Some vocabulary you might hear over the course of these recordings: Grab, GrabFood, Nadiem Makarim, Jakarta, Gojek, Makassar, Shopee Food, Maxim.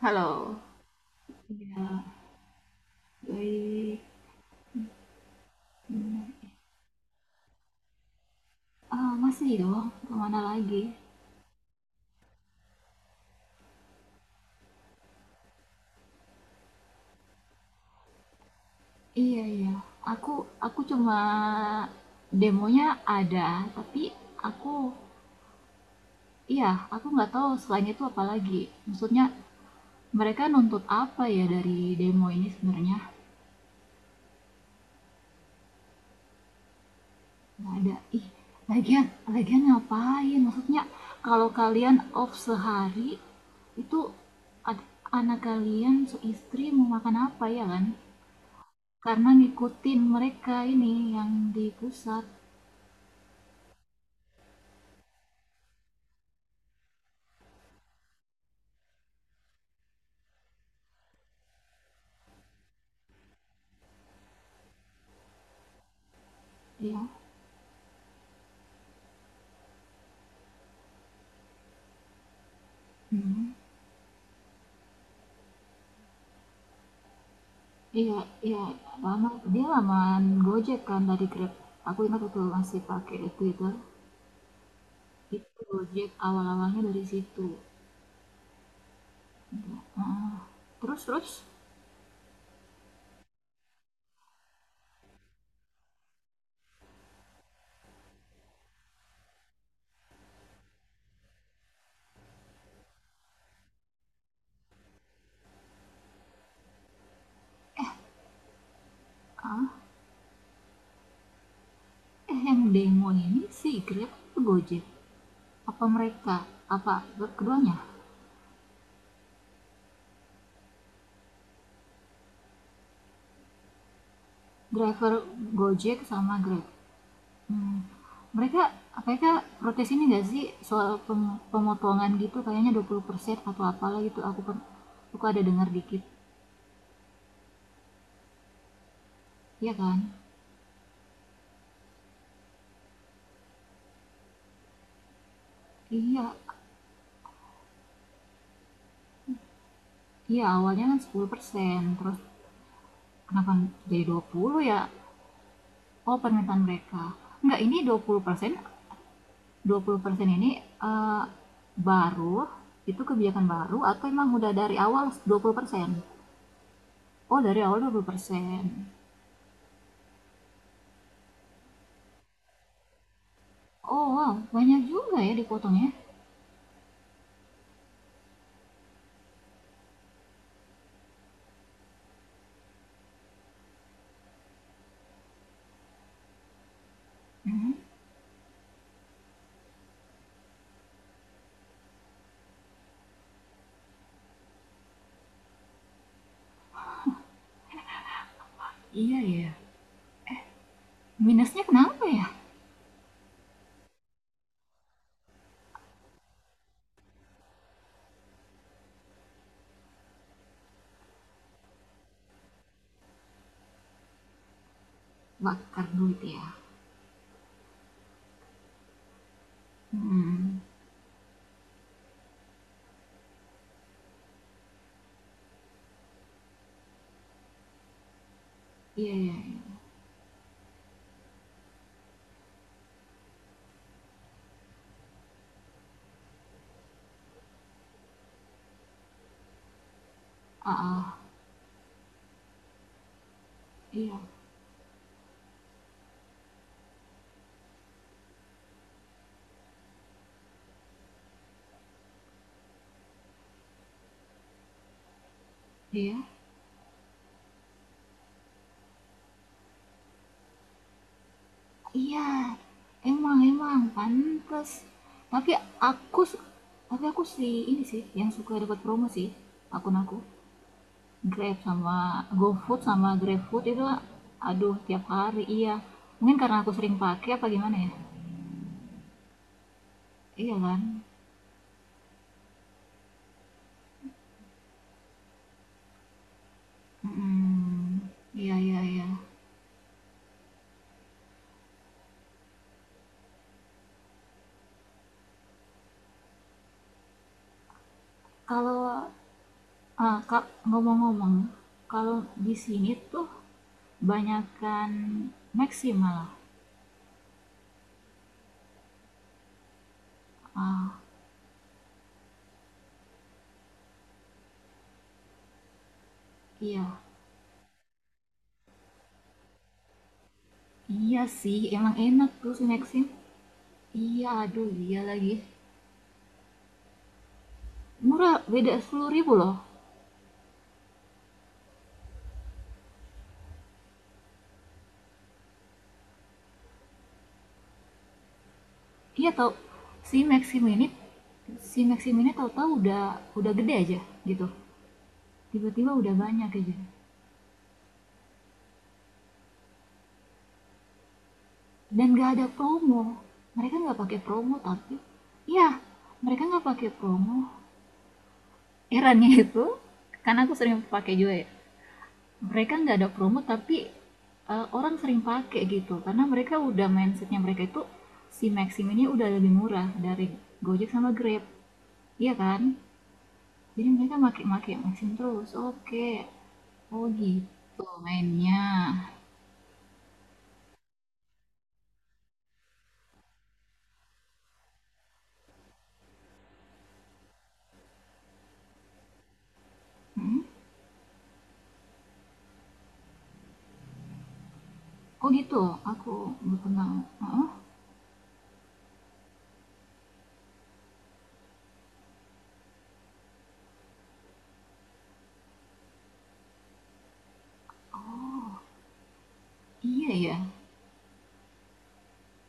Halo. Iya, baik. Hmm. Ah, masih dong. Kemana lagi? Iya, iya. Aku aku cuma demonya ada, tapi aku, iya, aku nggak tahu selain itu apa lagi. Maksudnya mereka nuntut apa ya dari demo ini sebenarnya? Nggak ada. Ih, lagian lagian ngapain? Maksudnya kalau kalian off sehari itu ad- anak kalian istri mau makan apa ya kan? Karena ngikutin mereka ini yang di pusat, ya. Hmm. Iya, iya, lama dia lamaan Gojek kan dari Grab, aku ingat waktu masih pakai Twitter itu Gojek awal-awalnya dari situ. Heeh. terus terus ah, eh, yang demo ini si Grab atau Gojek, apa mereka, apa keduanya? Driver Gojek sama Grab. Mmm, mereka mereka protes ini nggak sih soal pemotongan gitu, kayaknya 20% atau apalah gitu, aku ada dengar dikit, iya kan? Iya, iya, awalnya kan 10%, terus kenapa jadi 20 ya? Oh, permintaan mereka. Nggak, ini dua 20%, 20% ini, eee, baru itu kebijakan baru atau emang udah dari awal 20%? Oh, dari awal 20%. Oh wow, banyak juga ya dipotongnya. Mhm, iya ya. Minusnya kenapa ya? Bakar duit ya. Hmm. Iya, iya, iya. Ah, ah. Iya, iya, iya, emang emang pantas, tapi aku tapi aku sih, ini sih yang suka dapat promo sih, akun aku Grab sama GoFood sama GrabFood itu, aduh tiap hari, iya, mungkin karena aku sering pakai apa gimana ya, iya kan? Mm, iya, iya, iya, kalau Kak, ngomong-ngomong, kalau di sini tuh banyakan Maxim malah. Eee, iya. Iya sih, emang enak tuh si Maxim. Iya, aduh, iya lagi. Murah, beda 10 ribu loh. Iya tau, si Maxim ini si Maxim ini tahu-tahu udah gede aja gitu, tiba-tiba udah banyak aja, dan gak ada promo. Mereka nggak pakai promo tapi, iya, mereka nggak pakai promo, herannya, itu karena aku sering pakai juga ya, mereka nggak ada promo tapi, orang sering pakai gitu karena mereka udah mindsetnya, mereka itu si Maxim ini udah lebih murah dari Gojek sama Grab, iya kan, jadi mereka make-make Maxim terus, oke, oh gitu mainnya. Hmm? Oh gitu, aku berkenal, oh, oh iya ya,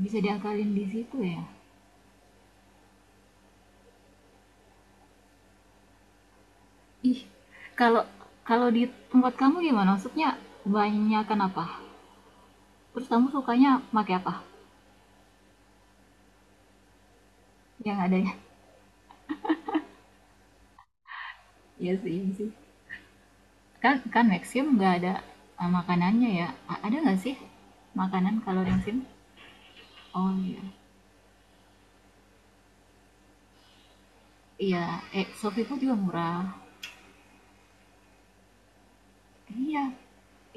bisa diakalin di situ ya. Ih, kalau kalau di tempat kamu gimana? Maksudnya kebanyakan apa? Terus kamu sukanya pakai apa? Yang ada ya? Iya sih, iya sih. Kan kan Maxim nggak ada, makanannya ya? Ada nggak sih makanan kalau Maxim? Oh iya, iya. Eh, Shopee Food juga murah. Iya,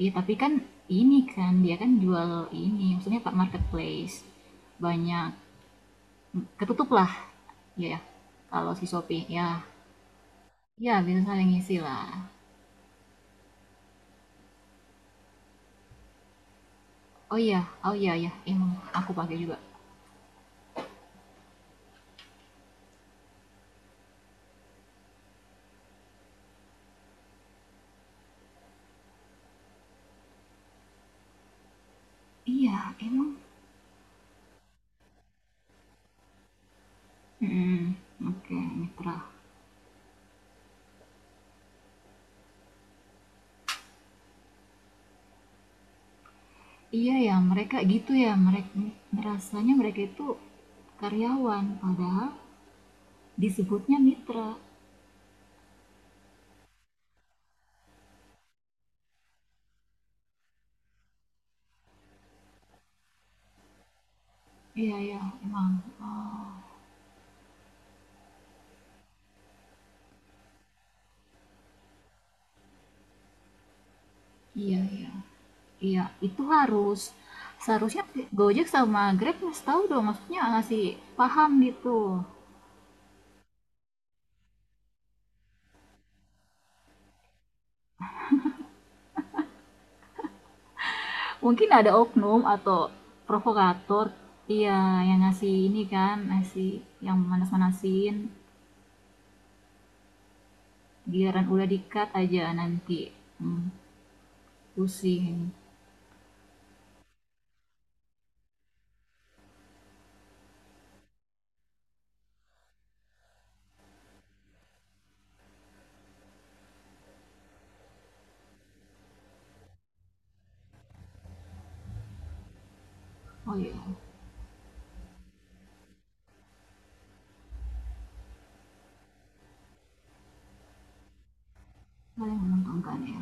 iya. Tapi kan ini kan dia kan jual ini, maksudnya pak marketplace, banyak ketutup lah, ya. Ya. Kalau si Shopee ya, ya bisa saling ngisi lah. Oh iya, oh iya ya emang, aku pakai juga. Iya, emang. Mm, oke, mitra. Iya ya, mereka gitu ya, mereka merasanya mereka itu karyawan, padahal disebutnya mitra. Iya ya, emang. Oh, iya, iya. Iya, itu seharusnya Gojek sama Grab harus tahu dong, maksudnya ngasih paham gitu. Mungkin ada oknum atau provokator. Iya, yang ngasih ini kan, ngasih yang manas-manasin. Biaran udah dikat aja nanti. hmm, Pusing. Oh iya. Kalian menguntungkan ya.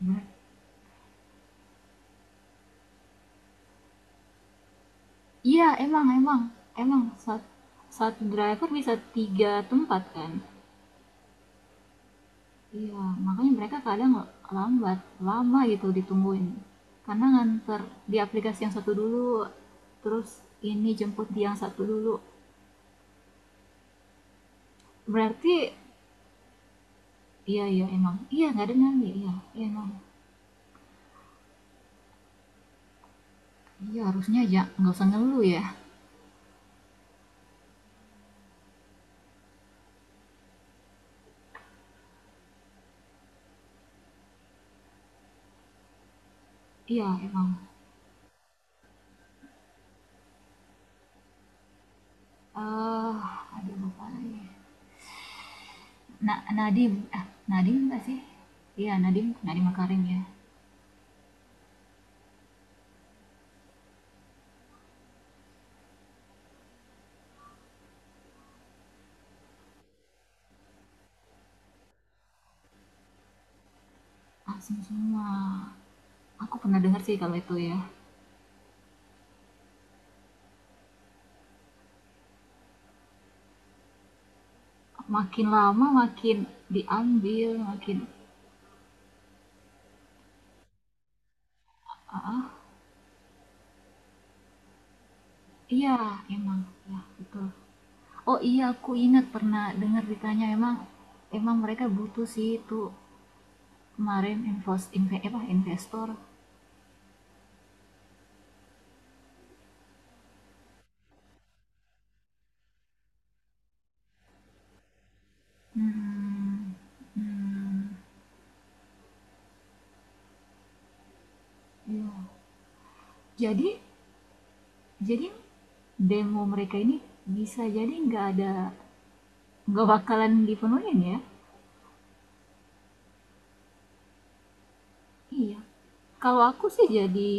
Nah, iya emang emang emang, satu driver bisa tiga tempat kan, iya makanya mereka kadang lambat, lama gitu ditungguin karena nganter di aplikasi yang satu dulu, terus ini jemput di yang satu dulu. Berarti, iya, iya, emang, iya nggak ada nyali, iya, iya, emang, iya harusnya aja nggak usah ngeluh ya, iya emang. Eee, aduh lupa lagi. Na Nadiem, ah, Nadiem, nggak sih? Iya, Nadiem Nadiem Makarim ya. Asing semua. Aku pernah dengar sih kalau itu ya. Makin lama makin diambil, makin, ah iya emang, ya betul. Oh iya, aku ingat pernah dengar ditanya, emang emang mereka butuh sih itu, kemarin invest inve apa, investor. Hmm. Mmm, iya. Jadi Jadi demo mereka ini bisa jadi nggak ada, nggak bakalan dipenuhin ya? Iya. Kalau aku sih jadi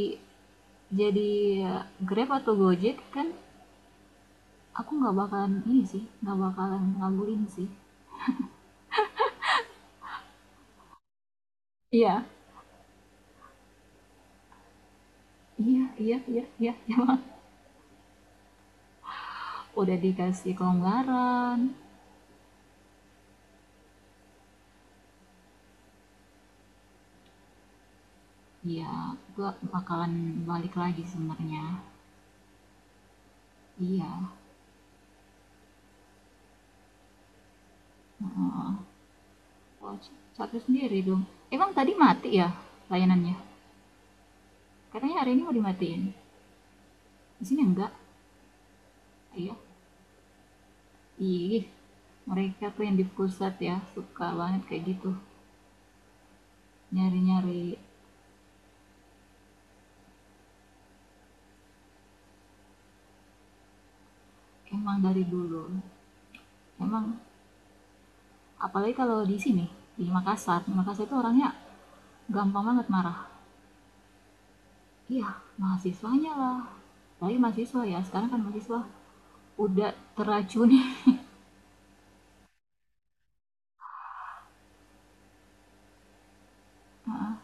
jadi ya, Grab atau Gojek kan aku nggak bakalan ini sih, nggak bakalan ngabulin sih. Iya, iya, iya, iya, iya, emang. Udah dikasih kelonggaran. Iya, gua bakalan balik lagi sebenarnya. Iya. Heeh. Wah, capek sendiri dong. Emang tadi mati ya layanannya? Katanya hari ini mau dimatiin. Di sini enggak. Iya. Ih, mereka tuh yang di pusat ya, suka banget kayak gitu. Nyari-nyari, emang dari dulu. Emang apalagi kalau di sini, di Makassar. Di Makassar itu orangnya gampang banget marah. Iya, mahasiswanya lah. Apalagi mahasiswa ya, sekarang kan mahasiswa udah teracuni. Heeh.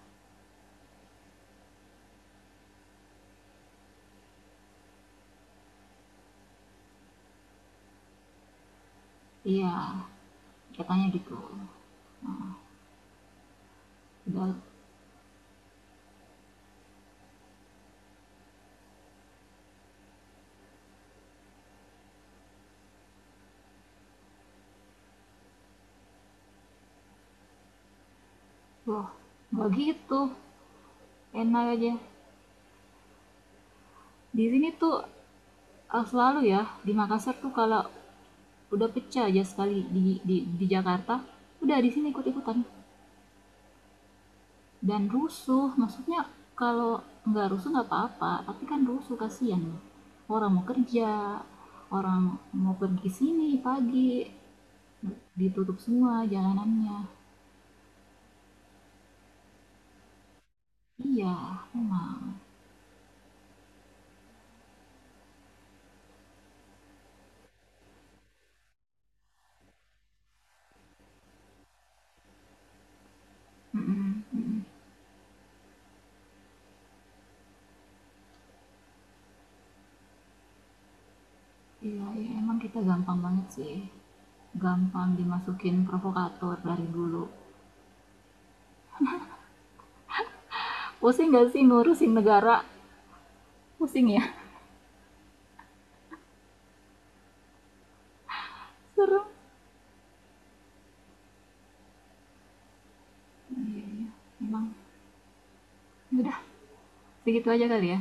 Iya, katanya gitu. Udah, wah, nggak gitu. Enak aja. Di sini tuh, eh, selalu ya di Makassar tuh kalau udah pecah aja sekali di di Jakarta, udah di sini ikut-ikutan dan rusuh, maksudnya kalau nggak rusuh nggak apa-apa tapi kan rusuh kasihan, orang mau kerja, orang mau pergi sini pagi ditutup semua jalanannya, iya memang. Mm-mm, mm-mm. Iya, iya, emang kita gampang banget sih, gampang dimasukin provokator dari dulu. Pusing gak sih ngurusin negara, pusing ya, serem. Iya, iya. Emang. Udah, segitu aja kali ya.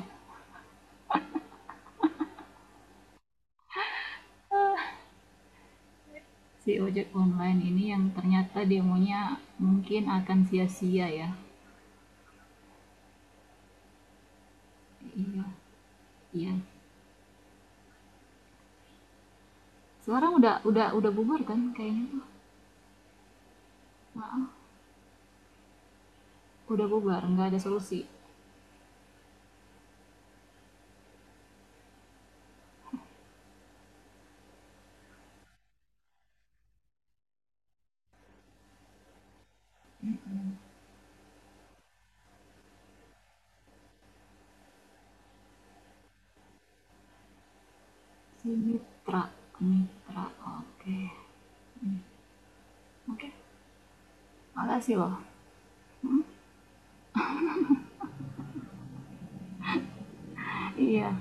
Si ojek online ini yang ternyata demonya mungkin akan sia-sia ya. Iya, iya. Sekarang udah bubar kan kayaknya tuh. Maaf, udah bubar, nggak ada solusi. Si mitra, mitra. Oke. Oke. Makasih loh. Iya.